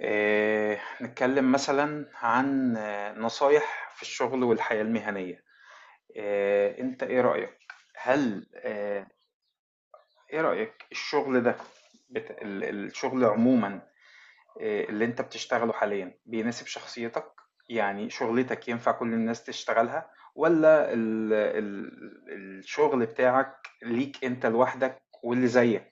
نتكلم مثلا عن نصايح في الشغل والحياة المهنية. انت ايه رأيك؟ هل آه، ايه رأيك الشغل ده، الشغل عموما. اللي انت بتشتغله حاليا بيناسب شخصيتك؟ يعني شغلتك ينفع كل الناس تشتغلها، ولا الشغل بتاعك ليك انت لوحدك واللي زيك؟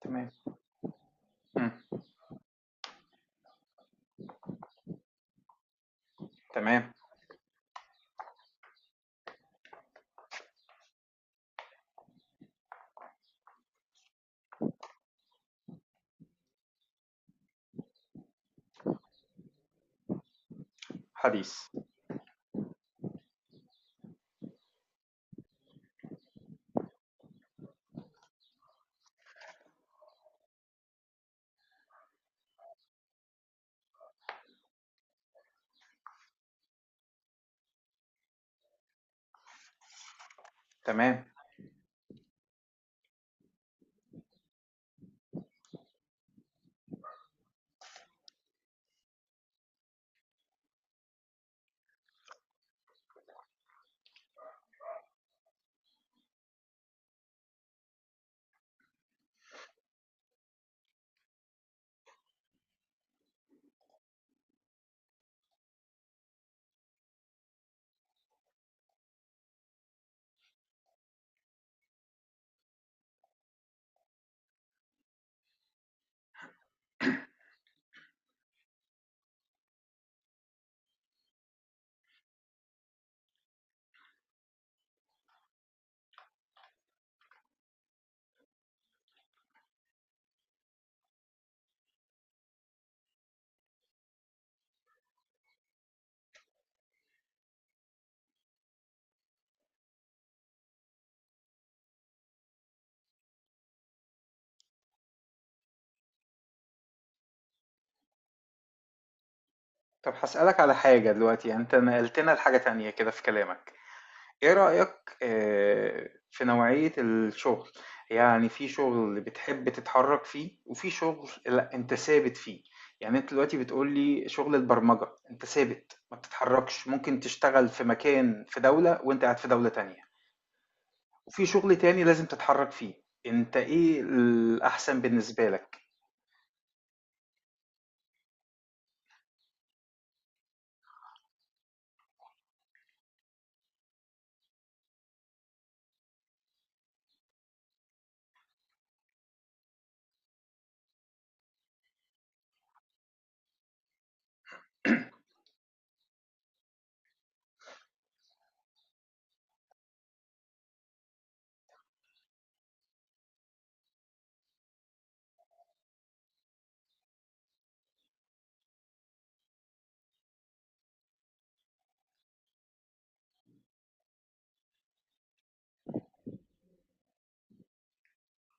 تمام. مم. تمام. حديث. تمام. طب هسألك على حاجة دلوقتي، يعني انت نقلتنا لحاجة تانية كده في كلامك. ايه رأيك في نوعية الشغل؟ يعني في شغل اللي بتحب تتحرك فيه، وفي شغل لا انت ثابت فيه. يعني انت دلوقتي بتقولي شغل البرمجة انت ثابت، ما بتتحركش، ممكن تشتغل في مكان في دولة وانت قاعد في دولة تانية. وفي شغل تاني لازم تتحرك فيه. انت ايه الأحسن بالنسبة لك؟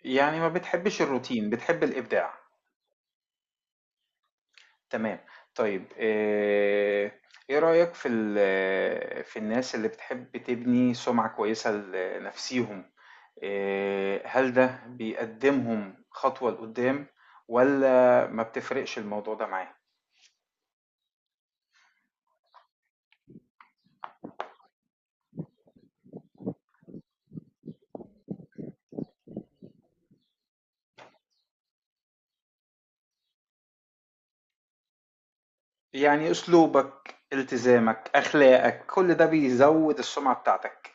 يعني ما بتحبش الروتين، بتحب الإبداع؟ تمام. طيب إيه رأيك في في الناس اللي بتحب تبني سُمعة كويسة لنَفْسيهم، هل ده بيقدّمهم خطوة لقدّام، والّا ما بتفرقش الموضوع ده معاه؟ يعني أسلوبك، التزامك، أخلاقك، كل ده بيزوّد السُمعة بتاعتك.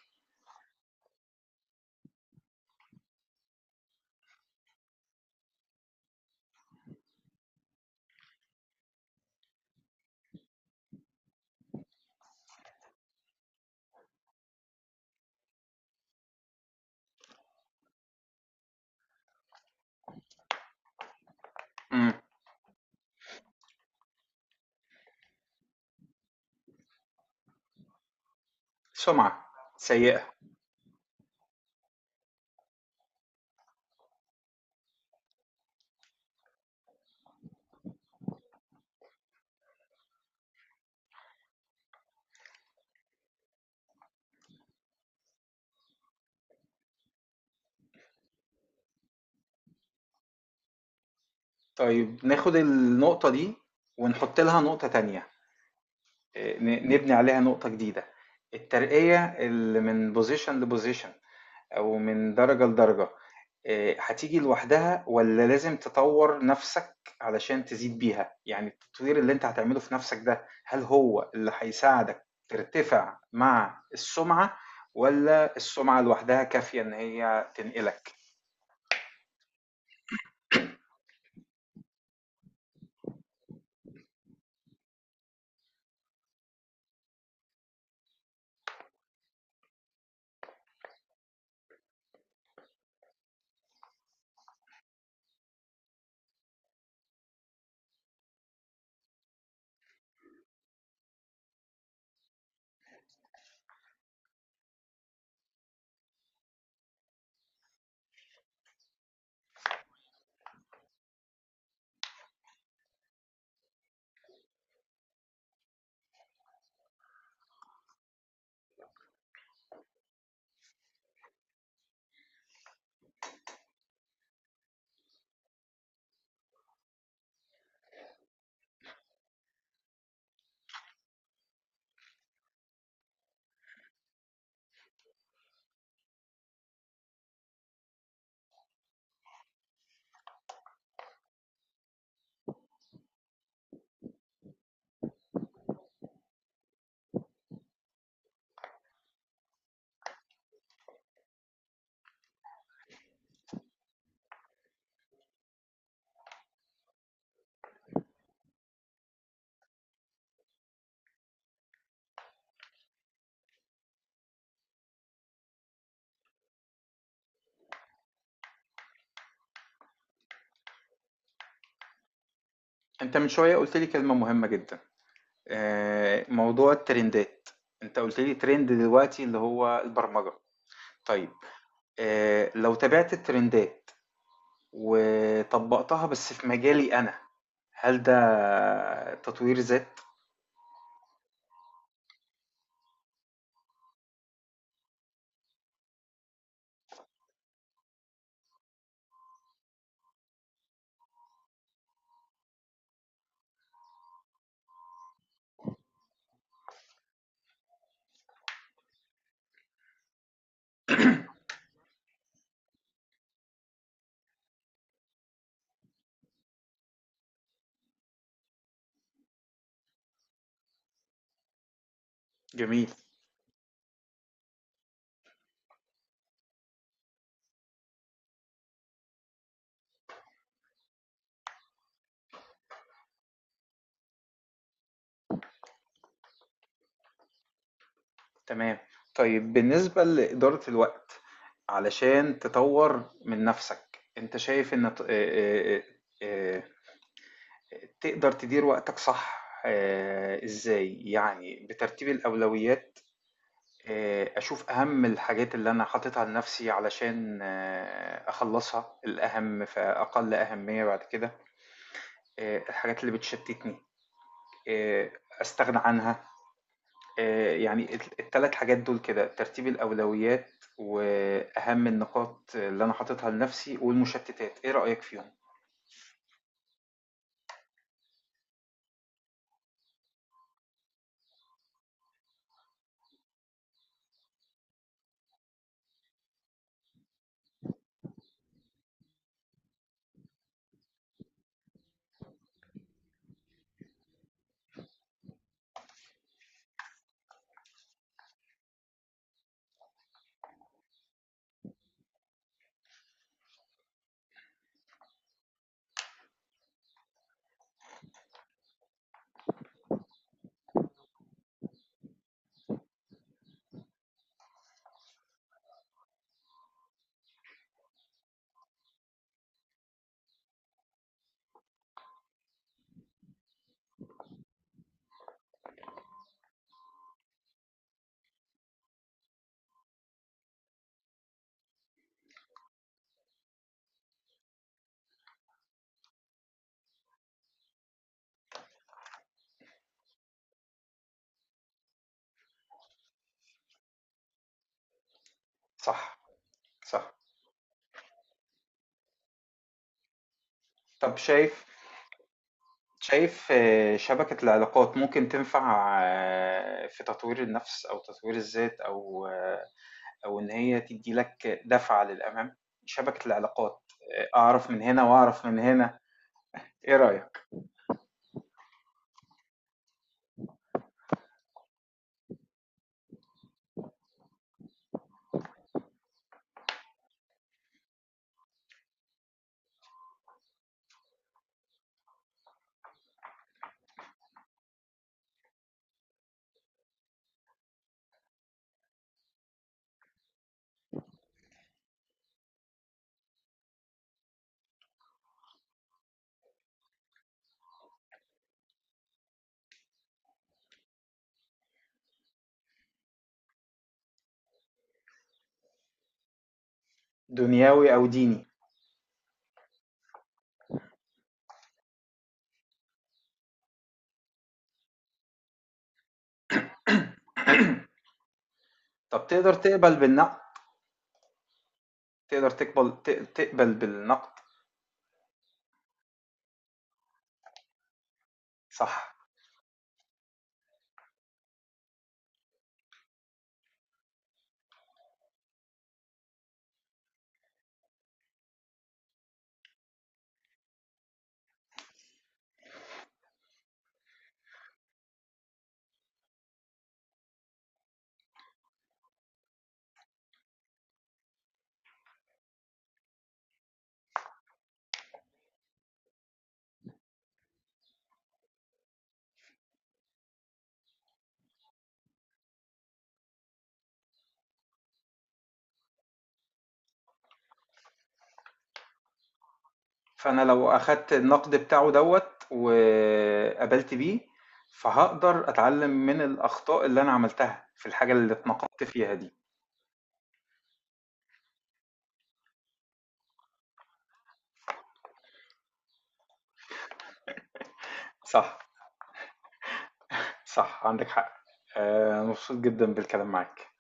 إمم، سُمعة سيئة. طيب ناخُد النقطة دي ونحُط لها نقطة تانية. نبني عليها نقطة جديدة. الترقية اللي من بوزيشن لبوزيشن، أو من درجة لدرجة، هتيجي لوحدها ولا لازم تطور نفسك علشان تزيد بيها؟ يعني التطوير اللي انت هتعمله في نفسك ده، هل هو اللي هيساعدك ترتفع مع السمعة، ولا السمعة لوحدها كافية ان هي تنقلك؟ انت من شوية قلت لي كلمة مهمة جدا، موضوع الترندات. انت قلت لي ترند دلوقتي اللي هو البرمجة. طيب، لو تابعت الترندات وطبّقتها بس في مجالي أنا، هل ده تطوير ذات؟ جميل. تمام. طيب، بالنسبة لإدارة الوقت، علشان تطوّر من نَفْسك، أنت شايف إن ت آآ آآ تقدر تدير وقتك صح إزاي؟ يعني بترتيب الأولويات، أشوف أهَم الحاجات اللي أنا حاططها لنَفْسي علشان أخلّصها، الأهَم فأقل أهمية بعد كده. الحاجات اللي بتشتتني آه، استغنى عنها. يعني الثلاث حاجات دول كده: ترتيب الأولويات وأهم النقاط اللي أنا حاططها لنفسي والمشتتات. إيه رأيك فيهم؟ صح، صح. طب شايف شبكة العلاقات ممكن تنفع في تطوير النفس أو تطوير الذات، أو إن هي تدي لك دفعة للأمام؟ شبكة العلاقات. أعرف من هنا وأعرف من هنا. إيه رأيك؟ دنياوي أو ديني. طب تقدر تقبل بالنقد؟ تقدر تقبل تقبل بالنقد؟ صح. فانا لو اخدت النقد بتاعه دوت وقبلت بيه، فهقدر اتعلم من الاخطاء اللي انا عملتها في الحاجة اللي اتنقدت فيها دي. صح، صح، عندك حق. مبسوط جدا بالكلام معاك.